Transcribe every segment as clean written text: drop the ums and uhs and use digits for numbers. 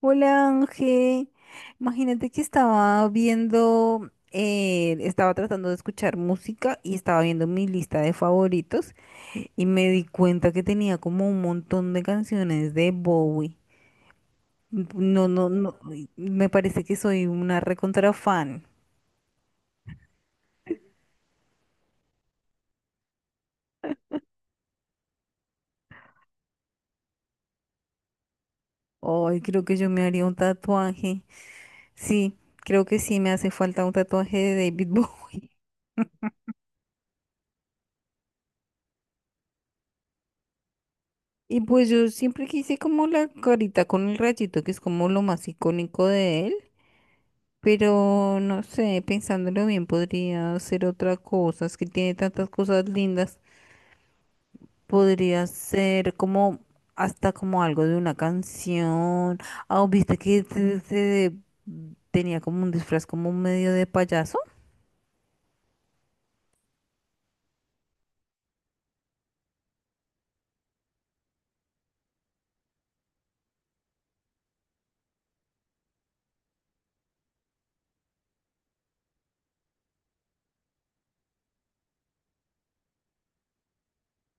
Hola Ángel, imagínate que estaba viendo, estaba tratando de escuchar música y estaba viendo mi lista de favoritos y me di cuenta que tenía como un montón de canciones de Bowie. No, no, no, y me parece que soy una recontra fan. Ay, creo que yo me haría un tatuaje. Sí, creo que sí me hace falta un tatuaje de David Bowie. Y pues yo siempre quise como la carita con el rayito, que es como lo más icónico de él. Pero no sé, pensándolo bien, podría ser otra cosa. Es que tiene tantas cosas lindas. Podría ser como hasta como algo de una canción. Ah, ¿viste que tenía como un disfraz como medio de payaso?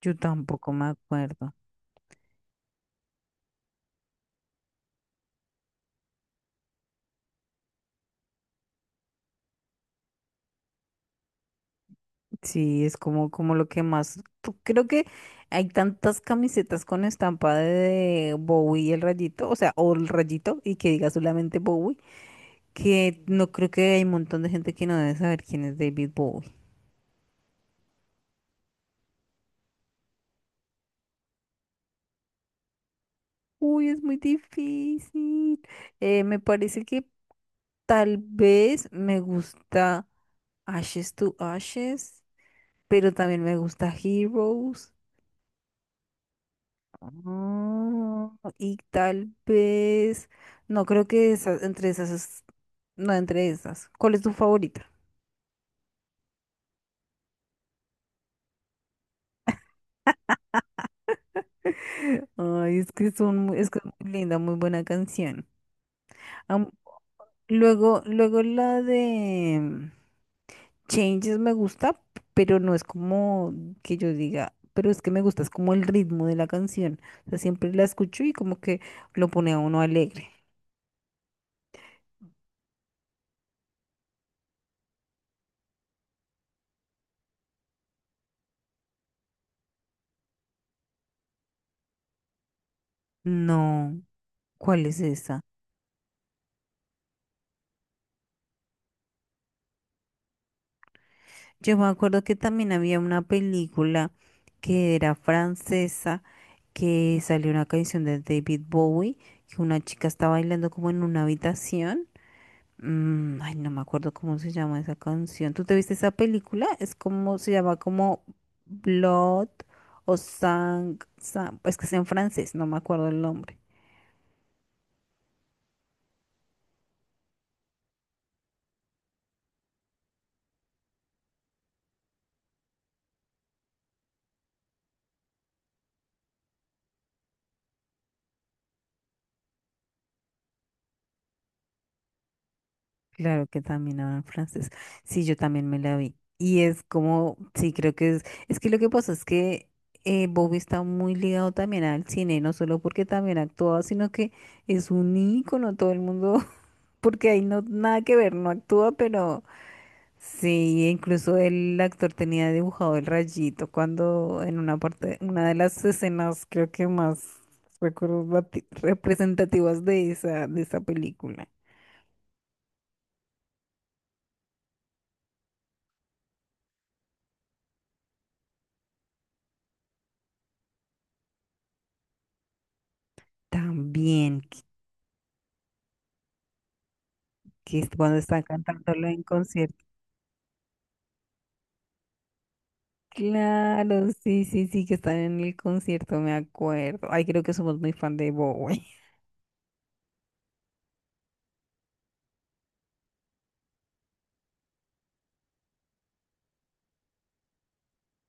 Yo tampoco me acuerdo. Sí, es como, como lo que más. Creo que hay tantas camisetas con estampa de Bowie y el rayito, o sea, o el rayito y que diga solamente Bowie, que no creo que hay un montón de gente que no debe saber quién es David Bowie. Uy, es muy difícil. Me parece que tal vez me gusta Ashes to Ashes, pero también me gusta Heroes. Ah, y tal vez, no creo que esas, entre esas, no entre esas. ¿Cuál es tu favorita? Ay, es que son, es que es muy linda, muy buena canción. Luego, luego la de Changes me gusta, pero no es como que yo diga, pero es que me gusta, es como el ritmo de la canción. O sea, siempre la escucho y como que lo pone a uno alegre. No, ¿cuál es esa? Yo me acuerdo que también había una película que era francesa, que salió una canción de David Bowie, que una chica está bailando como en una habitación. Mm, ay, no me acuerdo cómo se llama esa canción. ¿Tú te viste esa película? Es como, se llama como Blood o Sang, es que es en francés, no me acuerdo el nombre. Claro que también habla en francés. Sí, yo también me la vi. Y es como, sí, creo que es que lo que pasa es que Bobby está muy ligado también al cine, no solo porque también actúa, sino que es un ícono, todo el mundo, porque ahí no, nada que ver, no actúa, pero... Sí, incluso el actor tenía dibujado el rayito cuando en una parte, una de las escenas creo que más representativas de esa película. También, que es cuando están cantándolo en concierto. Claro, sí, sí, sí, que están en el concierto, me acuerdo. Ay, creo que somos muy fan de Bowie.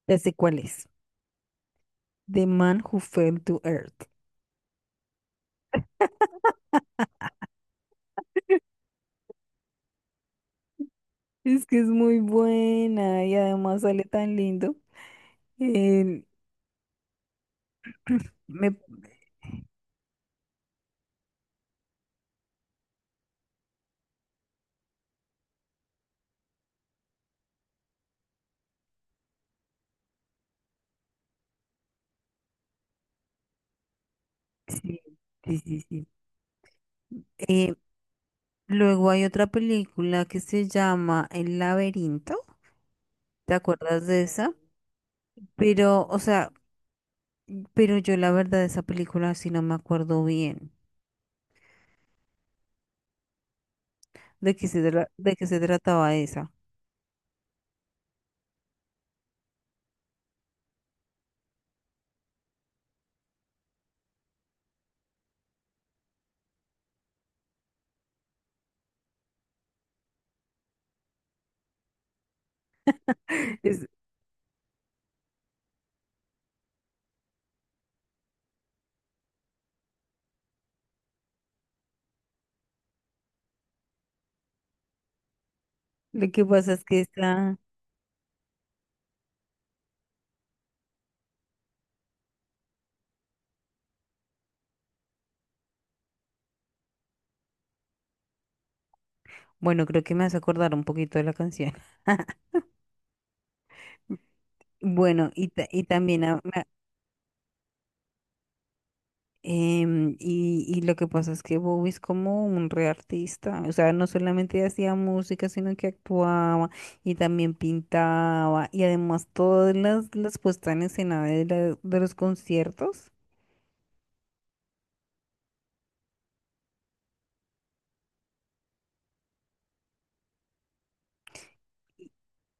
Ya sé cuál es. The Man Who Fell to Earth. Es que es muy buena y además sale tan lindo. Eh, me Sí, sí, sí, sí. Eh, Luego hay otra película que se llama El laberinto. ¿Te acuerdas de esa? Pero, o sea, pero yo la verdad de esa película sí no me acuerdo bien de de qué se trataba esa. Es- lo que pasa es que esta, bueno, creo que me hace acordar un poquito de la canción. Bueno, y también y lo que pasa es que Bowie es como un re artista, o sea, no solamente hacía música, sino que actuaba y también pintaba y además todas las puestas en escena de, de los conciertos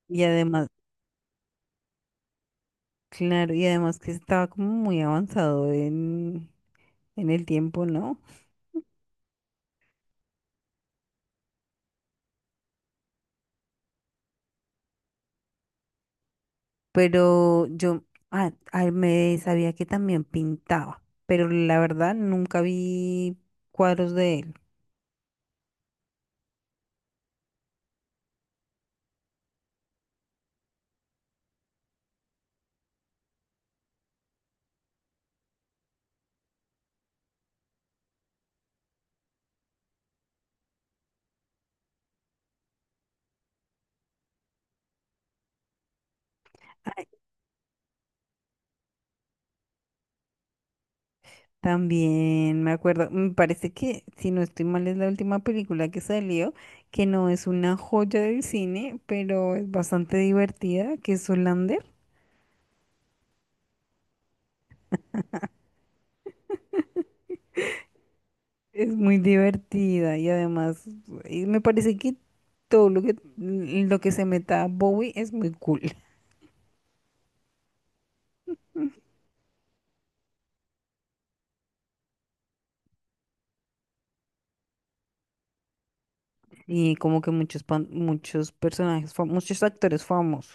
y además, claro, y además que estaba como muy avanzado en el tiempo, ¿no? Pero yo me sabía que también pintaba, pero la verdad nunca vi cuadros de él. También me acuerdo, me parece que, si no estoy mal, es la última película que salió, que no es una joya del cine, pero es bastante divertida, que es Solander. Es muy divertida y además y me parece que todo lo que se meta Bowie es muy cool. Y como que muchos, muchos personajes, muchos actores famosos.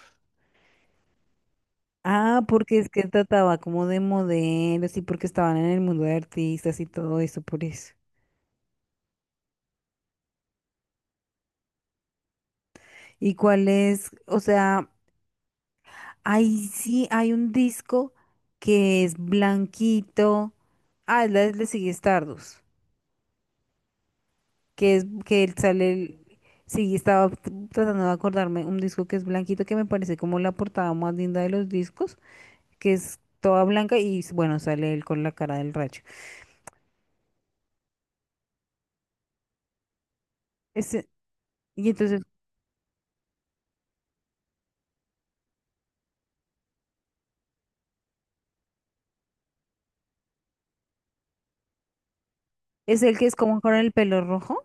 Ah, porque es que trataba como de modelos y porque estaban en el mundo de artistas y todo eso, por eso. ¿Y cuál es? O sea, ahí sí hay un disco que es blanquito. Ah, es la de Ziggy Stardust, que es que él sale sí, estaba tratando de acordarme un disco que es blanquito, que me parece como la portada más linda de los discos, que es toda blanca y bueno, sale él con la cara del racho. Ese- y entonces, ¿es el que es como con el pelo rojo?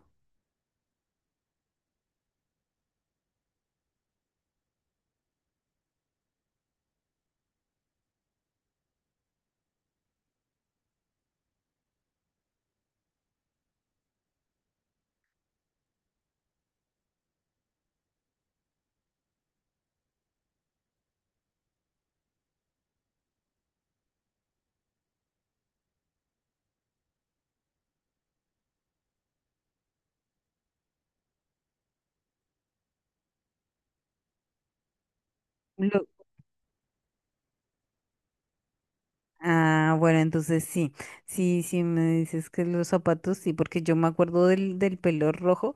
Ah, bueno, entonces sí, sí, sí me dices que los zapatos, sí, porque yo me acuerdo del, del pelo rojo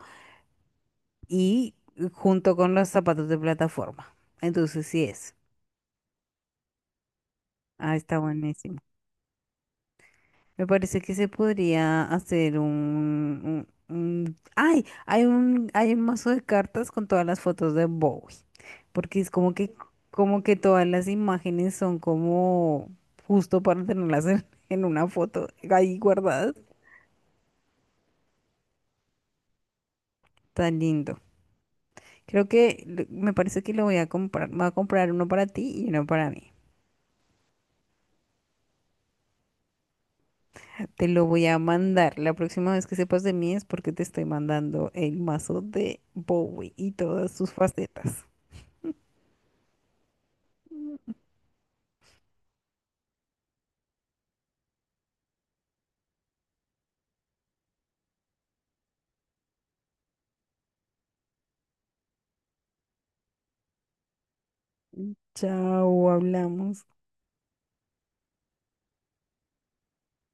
y junto con los zapatos de plataforma. Entonces sí es. Ah, está buenísimo. Me parece que se podría hacer un, ¡ay! Hay un mazo de cartas con todas las fotos de Bowie. Porque es como que todas las imágenes son como justo para tenerlas en una foto ahí guardadas. Tan lindo. Creo que me parece que lo voy a comprar. Voy a comprar uno para ti y uno para mí. Te lo voy a mandar. La próxima vez que sepas de mí es porque te estoy mandando el mazo de Bowie y todas sus facetas. Chao, hablamos.